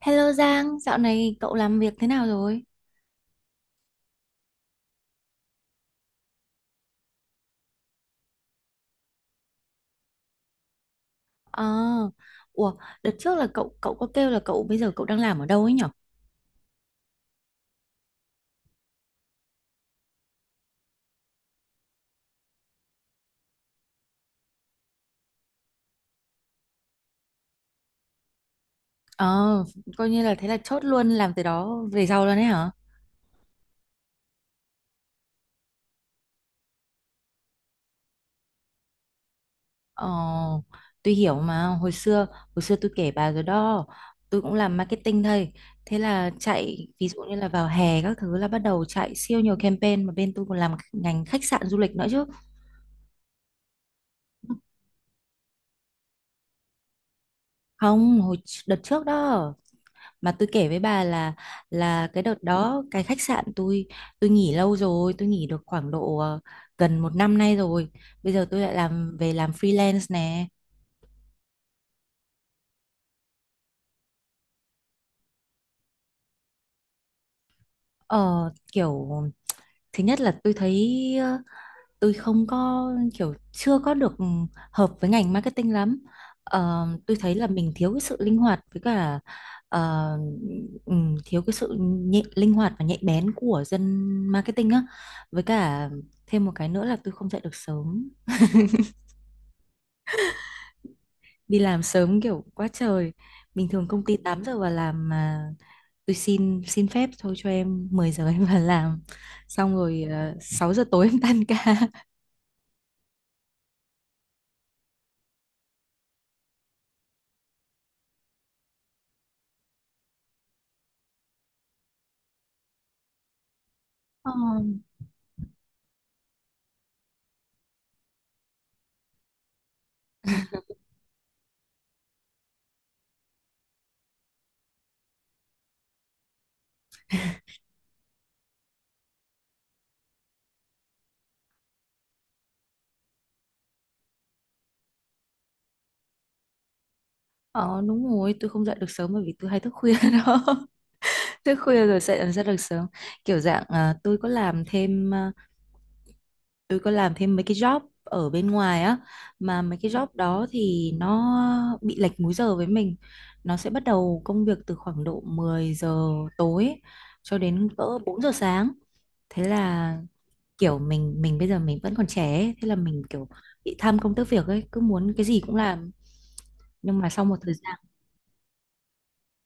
Hello Giang, dạo này cậu làm việc thế nào rồi? Ờ, ủa, đợt trước là cậu cậu có kêu là cậu bây giờ cậu đang làm ở đâu ấy nhở? Ờ, coi như là thế là chốt luôn làm từ đó về sau luôn đấy hả? Ờ, tôi hiểu mà, hồi xưa tôi kể bà rồi đó, tôi cũng làm marketing thôi. Thế là chạy, ví dụ như là vào hè các thứ là bắt đầu chạy siêu nhiều campaign mà bên tôi còn làm ngành khách sạn du lịch nữa chứ. Không, hồi đợt trước đó. Mà tôi kể với bà là cái đợt đó cái khách sạn tôi nghỉ lâu rồi, tôi nghỉ được khoảng độ gần một năm nay rồi, bây giờ tôi lại làm về làm freelance nè. Ờ Kiểu thứ nhất là tôi thấy tôi không có kiểu chưa có được hợp với ngành marketing lắm. Ờ, tôi thấy là mình thiếu cái sự linh hoạt với cả ờ, thiếu cái sự nhạy, linh hoạt và nhạy bén của dân marketing á. Với cả thêm một cái nữa là tôi không dậy được sớm, đi làm sớm kiểu quá trời. Bình thường công ty 8 giờ vào làm mà tôi xin xin phép thôi cho em 10 giờ em vào làm, xong rồi 6 giờ tối em tan ca. Ờ. Ờ đúng rồi, tôi không dậy được sớm bởi vì tôi hay thức khuya đó. Thức khuya rồi sẽ dậy làm sao được sớm. Kiểu dạng tôi có làm thêm, tôi có làm thêm mấy cái job ở bên ngoài á, mà mấy cái job đó thì nó bị lệch múi giờ với mình. Nó sẽ bắt đầu công việc từ khoảng độ 10 giờ tối cho đến cỡ 4 giờ sáng. Thế là kiểu mình bây giờ mình vẫn còn trẻ ấy. Thế là mình kiểu bị tham công tiếc việc ấy, cứ muốn cái gì cũng làm. Nhưng mà sau một thời gian,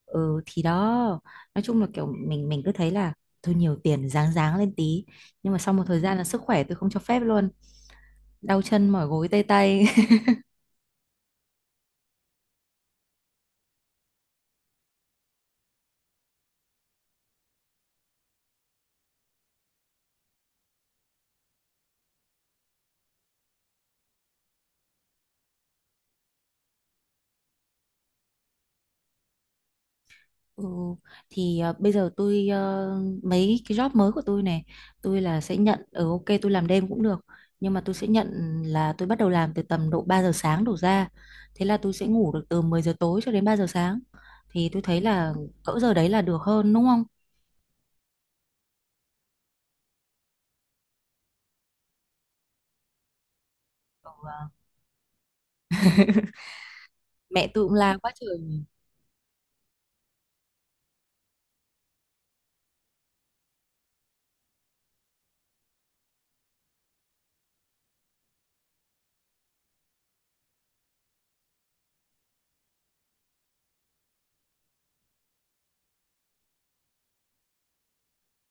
ừ thì đó, nói chung là kiểu mình cứ thấy là thôi nhiều tiền ráng ráng lên tí, nhưng mà sau một thời gian là sức khỏe tôi không cho phép luôn, đau chân mỏi gối tê tay ừ, thì bây giờ tôi, mấy cái job mới của tôi này, tôi là sẽ nhận ở ok tôi làm đêm cũng được, nhưng mà tôi sẽ nhận là tôi bắt đầu làm từ tầm độ 3 giờ sáng đổ ra, thế là tôi sẽ ngủ được từ 10 giờ tối cho đến 3 giờ sáng, thì tôi thấy là cỡ giờ đấy là được hơn đúng không. Ừ, mẹ tôi cũng la quá trời.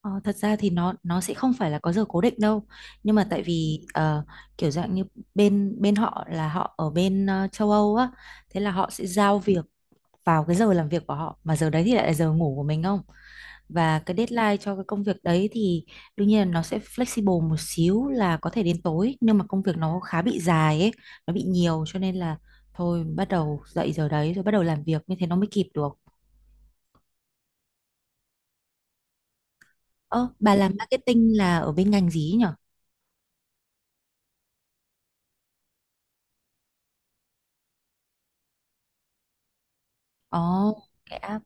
Ờ, thật ra thì nó sẽ không phải là có giờ cố định đâu, nhưng mà tại vì kiểu dạng như bên bên họ là họ ở bên châu Âu á, thế là họ sẽ giao việc vào cái giờ làm việc của họ, mà giờ đấy thì lại là giờ ngủ của mình không, và cái deadline cho cái công việc đấy thì đương nhiên là nó sẽ flexible một xíu là có thể đến tối, nhưng mà công việc nó khá bị dài ấy, nó bị nhiều cho nên là thôi bắt đầu dậy giờ đấy rồi bắt đầu làm việc như thế nó mới kịp được. Ơ bà làm marketing là ở bên ngành gì ấy nhở? Ồ, oh,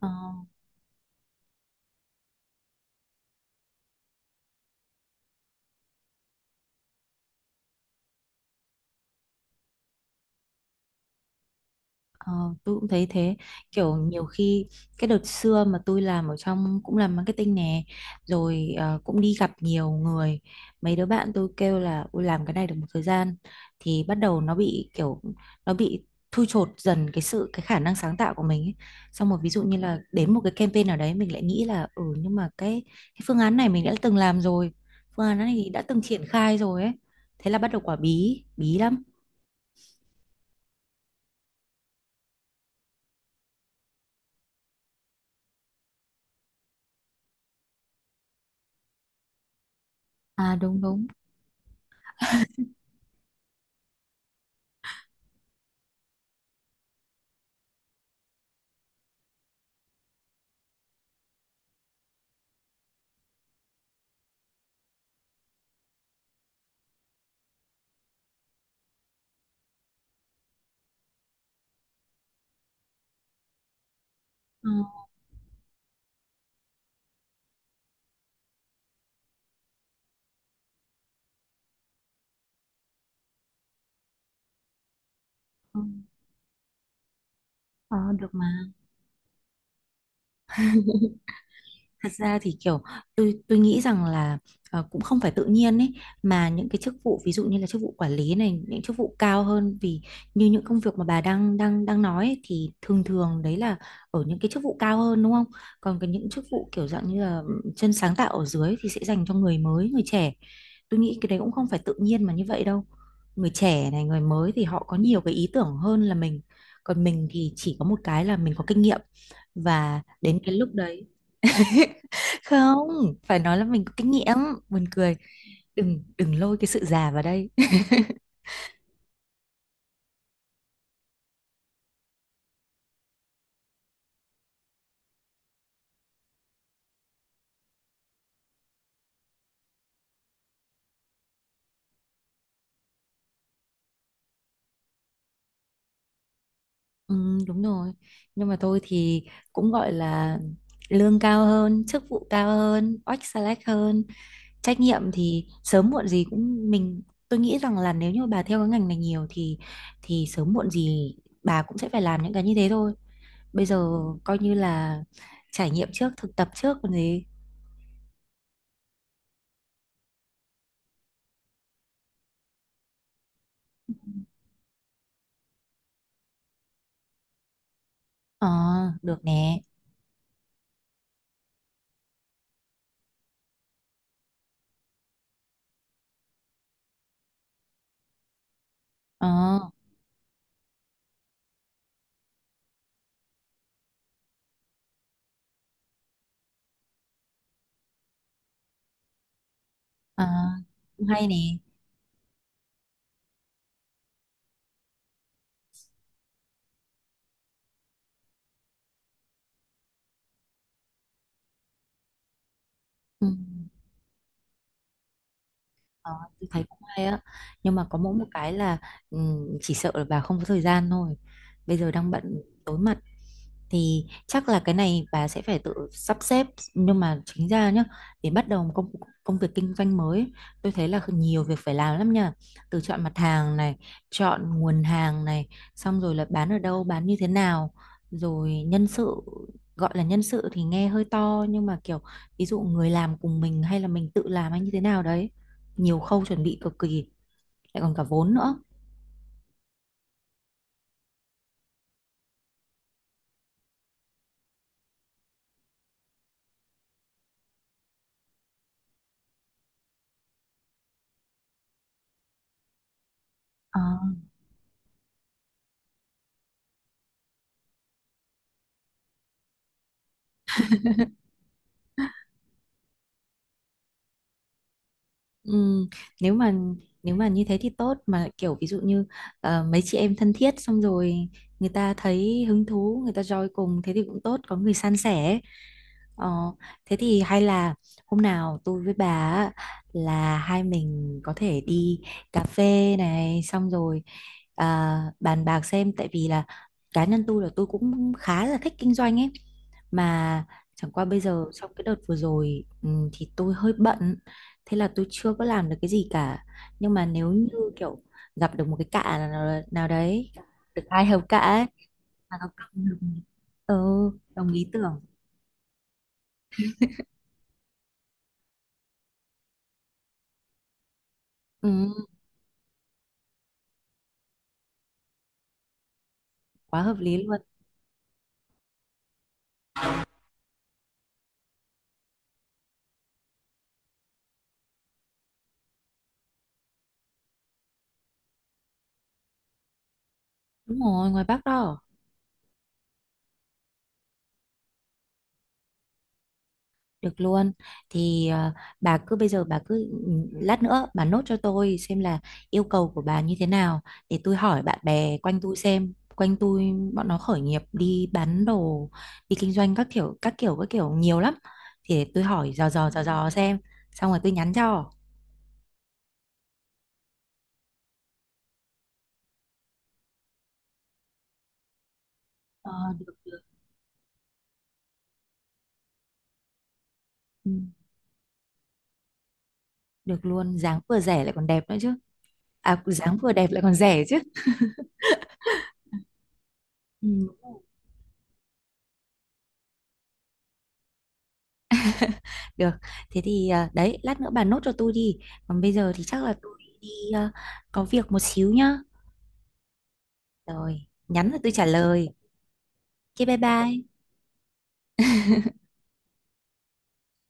ờ, ờ, tôi cũng thấy thế. Kiểu nhiều khi cái đợt xưa mà tôi làm ở trong cũng làm marketing nè, rồi cũng đi gặp nhiều người, mấy đứa bạn tôi kêu là ôi làm cái này được một thời gian thì bắt đầu nó bị kiểu nó bị thui chột dần cái sự, cái khả năng sáng tạo của mình ấy. Xong rồi ví dụ như là đến một cái campaign nào đấy mình lại nghĩ là ừ nhưng mà cái phương án này mình đã từng làm rồi, phương án này đã từng triển khai rồi ấy, thế là bắt đầu quả bí bí lắm. À đúng đúng. Ờ. Ờ, được mà. Thật ra thì kiểu tôi nghĩ rằng là cũng không phải tự nhiên ấy, mà những cái chức vụ ví dụ như là chức vụ quản lý này, những chức vụ cao hơn, vì như những công việc mà bà đang đang đang nói ấy, thì thường thường đấy là ở những cái chức vụ cao hơn đúng không? Còn cái những chức vụ kiểu dạng như là chân sáng tạo ở dưới thì sẽ dành cho người mới, người trẻ. Tôi nghĩ cái đấy cũng không phải tự nhiên mà như vậy đâu. Người trẻ này, người mới thì họ có nhiều cái ý tưởng hơn là mình. Còn mình thì chỉ có một cái là mình có kinh nghiệm, và đến cái lúc đấy không phải nói là mình có kinh nghiệm, buồn cười, đừng đừng lôi cái sự già vào đây ừ, đúng rồi, nhưng mà tôi thì cũng gọi là lương cao hơn, chức vụ cao hơn, oách select hơn, trách nhiệm thì sớm muộn gì cũng mình. Tôi nghĩ rằng là nếu như bà theo cái ngành này nhiều thì sớm muộn gì bà cũng sẽ phải làm những cái như thế thôi. Bây giờ coi như là trải nghiệm trước, thực tập trước còn gì. Ờ, được nè. Ờ, ờ, cũng hay nè. Ừ. Ờ, tôi thấy cũng hay á, nhưng mà có mỗi một cái là chỉ sợ là bà không có thời gian thôi, bây giờ đang bận tối mặt, thì chắc là cái này bà sẽ phải tự sắp xếp. Nhưng mà chính ra nhá, để bắt đầu một công công việc kinh doanh mới ấy, tôi thấy là nhiều việc phải làm lắm nha, từ chọn mặt hàng này, chọn nguồn hàng này, xong rồi là bán ở đâu, bán như thế nào, rồi nhân sự, gọi là nhân sự thì nghe hơi to nhưng mà kiểu ví dụ người làm cùng mình hay là mình tự làm hay như thế nào đấy, nhiều khâu chuẩn bị cực kỳ, lại còn cả vốn nữa. Ờ, ừm, nếu mà nếu mà như thế thì tốt mà, kiểu ví dụ như mấy chị em thân thiết xong rồi người ta thấy hứng thú, người ta join cùng, thế thì cũng tốt, có người san sẻ. Ờ, thế thì hay là hôm nào tôi với bà á, là hai mình có thể đi cà phê này, xong rồi bàn bạc xem, tại vì là cá nhân tôi là tôi cũng khá là thích kinh doanh ấy, mà chẳng qua bây giờ trong cái đợt vừa rồi thì tôi hơi bận, thế là tôi chưa có làm được cái gì cả. Nhưng mà nếu như kiểu gặp được một cái cạ nào đấy, được hai hầu cạ ấy mà nó cầm được, ừ, đồng ý tưởng. Ừ. Quá hợp lý luôn. Đúng rồi, ngoài Bắc đó. Được luôn, thì bà cứ bây giờ bà cứ lát nữa bà nốt cho tôi xem là yêu cầu của bà như thế nào, để tôi hỏi bạn bè quanh tôi xem, quanh tôi bọn nó khởi nghiệp đi bán đồ, đi kinh doanh các kiểu các kiểu các kiểu nhiều lắm, thì để tôi hỏi dò dò dò dò xem, xong rồi tôi nhắn cho. Ờ, được, được. Ừ, được luôn, dáng vừa rẻ lại còn đẹp nữa chứ, à dáng vừa đẹp lại còn rẻ chứ. Ừ. Được, thế thì đấy, lát nữa bà nốt cho tôi đi. Còn bây giờ thì chắc là tôi đi à, có việc một xíu nhá. Rồi, nhắn là tôi trả lời. Ok, bye bye.